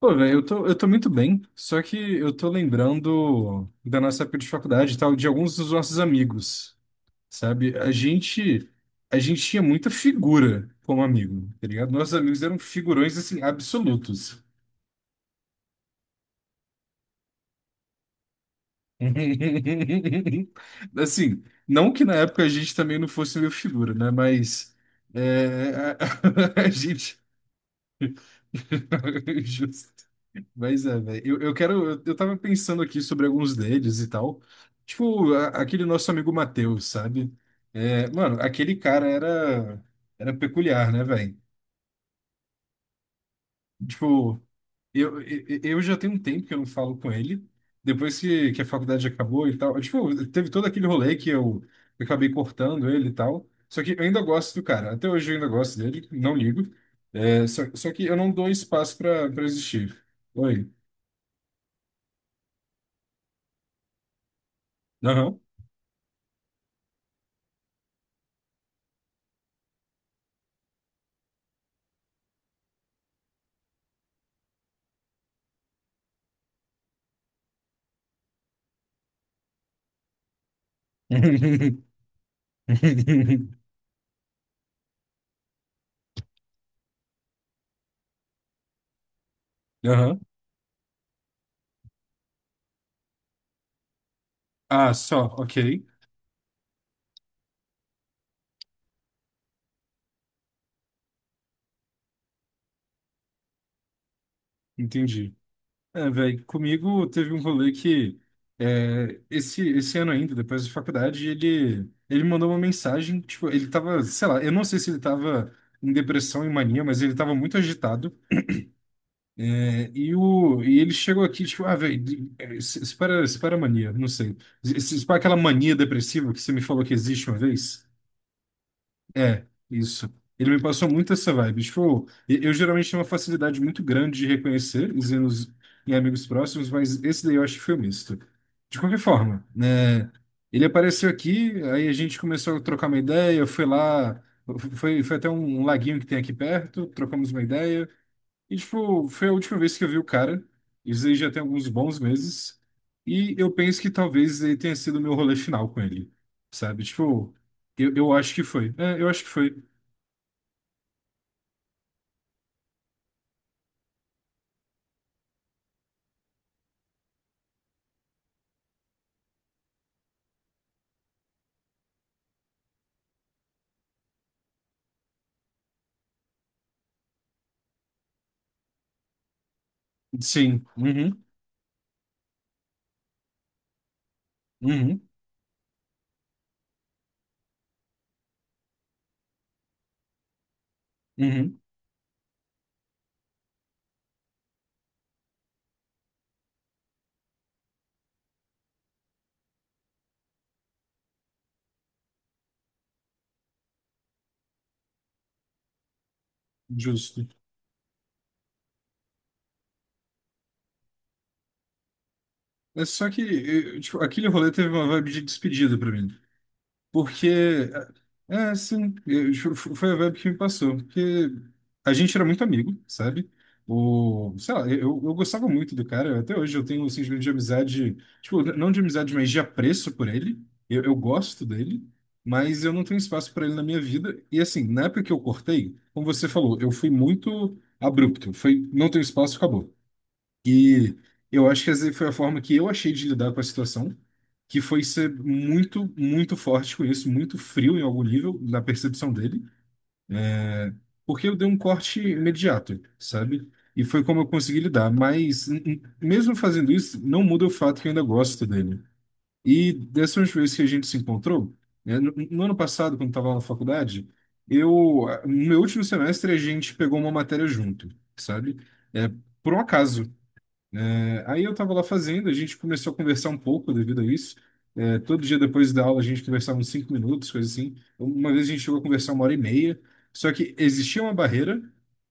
Pô, velho, eu tô muito bem, só que eu tô lembrando da nossa época de faculdade e tal, de alguns dos nossos amigos, sabe? A gente tinha muita figura como amigo, tá ligado? Nossos amigos eram figurões, assim, absolutos. Assim, não que na época a gente também não fosse meio figura, né? Mas é, a gente... Mas é, velho. Eu quero. Eu tava pensando aqui sobre alguns deles e tal. Tipo, aquele nosso amigo Matheus, sabe? É, mano, aquele cara era peculiar, né, velho? Tipo, eu já tenho um tempo que eu não falo com ele. Depois que a faculdade acabou e tal. Tipo, teve todo aquele rolê que eu acabei cortando ele e tal. Só que eu ainda gosto do cara. Até hoje eu ainda gosto dele, não ligo. É, só que eu não dou espaço pra existir. Oi. Aham. Aham. Ah, só, ok. Entendi. É, velho, comigo teve um rolê que esse ano ainda, depois da faculdade, ele mandou uma mensagem, tipo, ele tava, sei lá, eu não sei se ele tava em depressão e mania, mas ele tava muito agitado. E ele chegou aqui, tipo, ah, velho, espera, espera a mania, não sei. Espera aquela mania depressiva que você me falou que existe uma vez. É, isso. Ele me passou muito essa vibe. Tipo, eu geralmente tenho uma facilidade muito grande de reconhecer os erros em amigos próximos, mas esse daí eu acho que foi misto. De qualquer forma, né? Ele apareceu aqui, aí a gente começou a trocar uma ideia, eu fui lá, foi até um laguinho que tem aqui perto, trocamos uma ideia. E, tipo, foi a última vez que eu vi o cara. Isso aí já tem alguns bons meses. E eu penso que talvez ele tenha sido o meu rolê final com ele. Sabe? Tipo, eu acho que foi. É, eu acho que foi. Sim. Uhum. Uhum. Uhum. Justo. É só que, tipo, aquele rolê teve uma vibe de despedida pra mim. Porque, sim, foi a vibe que me passou. Porque a gente era muito amigo, sabe? Sei lá, eu gostava muito do cara. Até hoje eu tenho um sentimento de amizade, tipo, não de amizade, mas de apreço por ele. Eu gosto dele, mas eu não tenho espaço para ele na minha vida. E assim, na época que eu cortei, como você falou, eu fui muito abrupto. Foi, não tenho espaço, acabou. E eu acho que essa foi a forma que eu achei de lidar com a situação, que foi ser muito, muito forte com isso, muito frio em algum nível, na percepção dele, é, porque eu dei um corte imediato, sabe? E foi como eu consegui lidar, mas mesmo fazendo isso, não muda o fato que eu ainda gosto dele. E dessa última vez que a gente se encontrou, né, no ano passado, quando estava lá na faculdade, eu, no meu último semestre, a gente pegou uma matéria junto, sabe? É, por um acaso. É, aí eu estava lá fazendo, a gente começou a conversar um pouco devido a isso. É, todo dia depois da aula a gente conversava uns 5 minutos, coisa assim. Uma vez a gente chegou a conversar uma hora e meia. Só que existia uma barreira,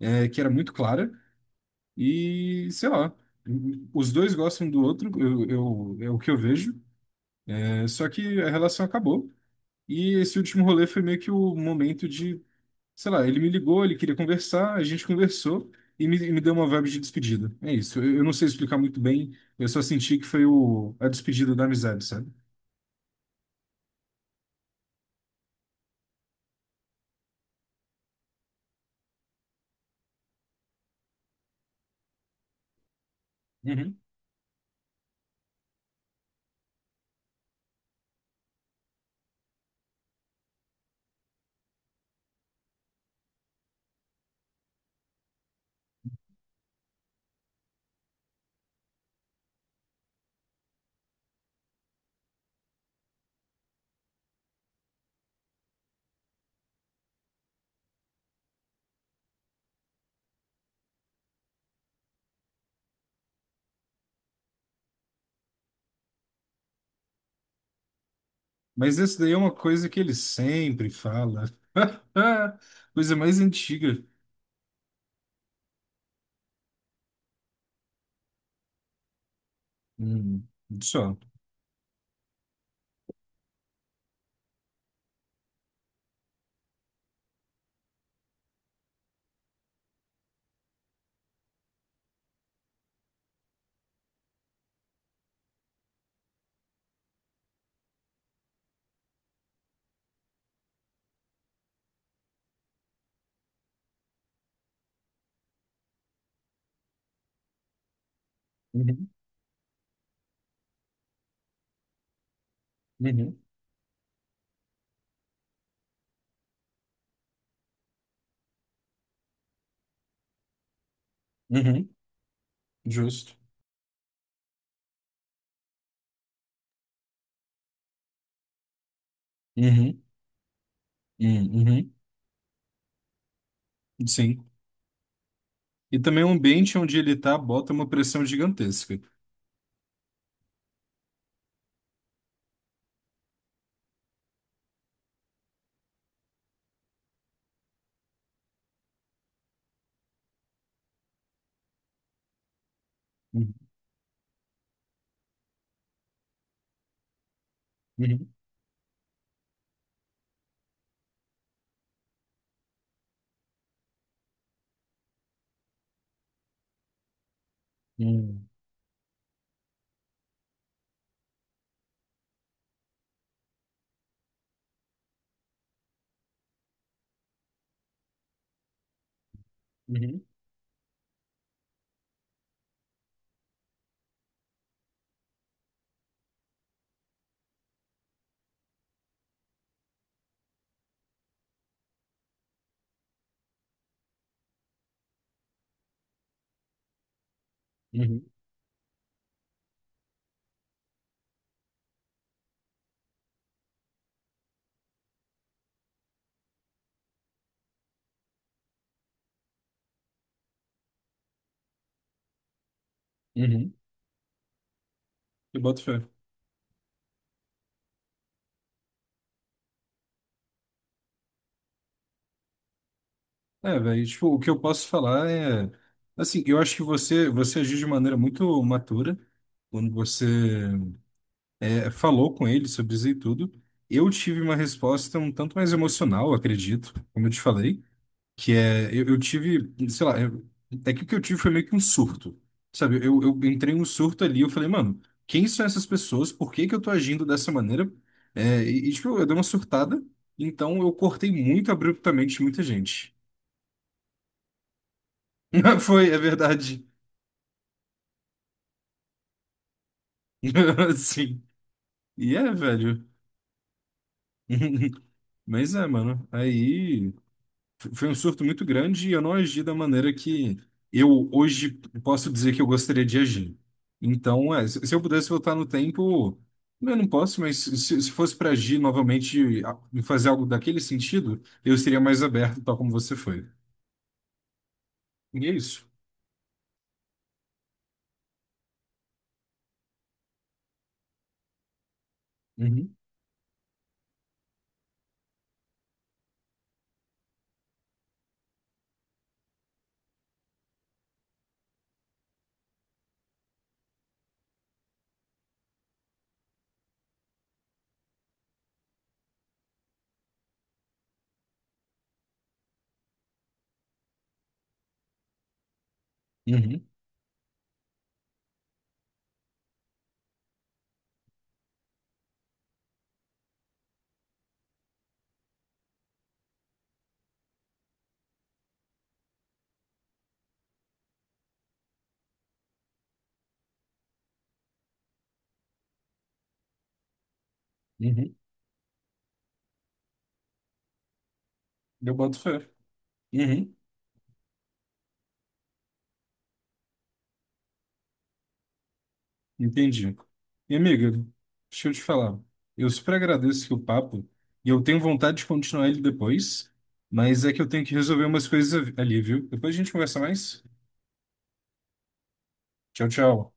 é, que era muito clara e, sei lá, os dois gostam do outro, é o que eu vejo. É, só que a relação acabou. E esse último rolê foi meio que o momento de sei lá, ele me ligou, ele queria conversar, a gente conversou e me deu uma vibe de despedida. É isso. Eu não sei explicar muito bem, eu só senti que foi a despedida da amizade, sabe? Uhum. Mas essa daí é uma coisa que ele sempre fala. Coisa mais antiga. Hum, só. Uhum. Uhum. Uhum. Justo. Uhum. Uhum. Uhum. Sim. E também o ambiente onde ele tá bota uma pressão gigantesca. Uhum. Uhum. Uhum. Uhum. Uhum. Uhum. Eu boto fé. É, velho, tipo, o que eu posso falar é, assim, eu acho que você agiu de maneira muito matura quando você falou com ele sobre isso e tudo. Eu tive uma resposta um tanto mais emocional, acredito, como eu te falei, que eu tive, sei lá, é que o que eu tive foi meio que um surto, sabe? Eu entrei em um surto ali, eu falei, mano, quem são essas pessoas? Por que que eu tô agindo dessa maneira? É, tipo, eu dei uma surtada, então eu cortei muito abruptamente muita gente. Foi, é verdade. Sim. E é, velho. Mas é, mano. Aí foi um surto muito grande e eu não agi da maneira que eu hoje posso dizer que eu gostaria de agir. Então, é, se eu pudesse voltar no tempo, eu não posso, mas se fosse para agir novamente fazer algo daquele sentido, eu seria mais aberto, tal como você foi. E é isso. Uhum, uhum, uhum. Eu boto fé. Uhum. Entendi. E amiga, deixa eu te falar. Eu super agradeço aqui o papo e eu tenho vontade de continuar ele depois, mas é que eu tenho que resolver umas coisas ali, viu? Depois a gente conversa mais. Tchau, tchau.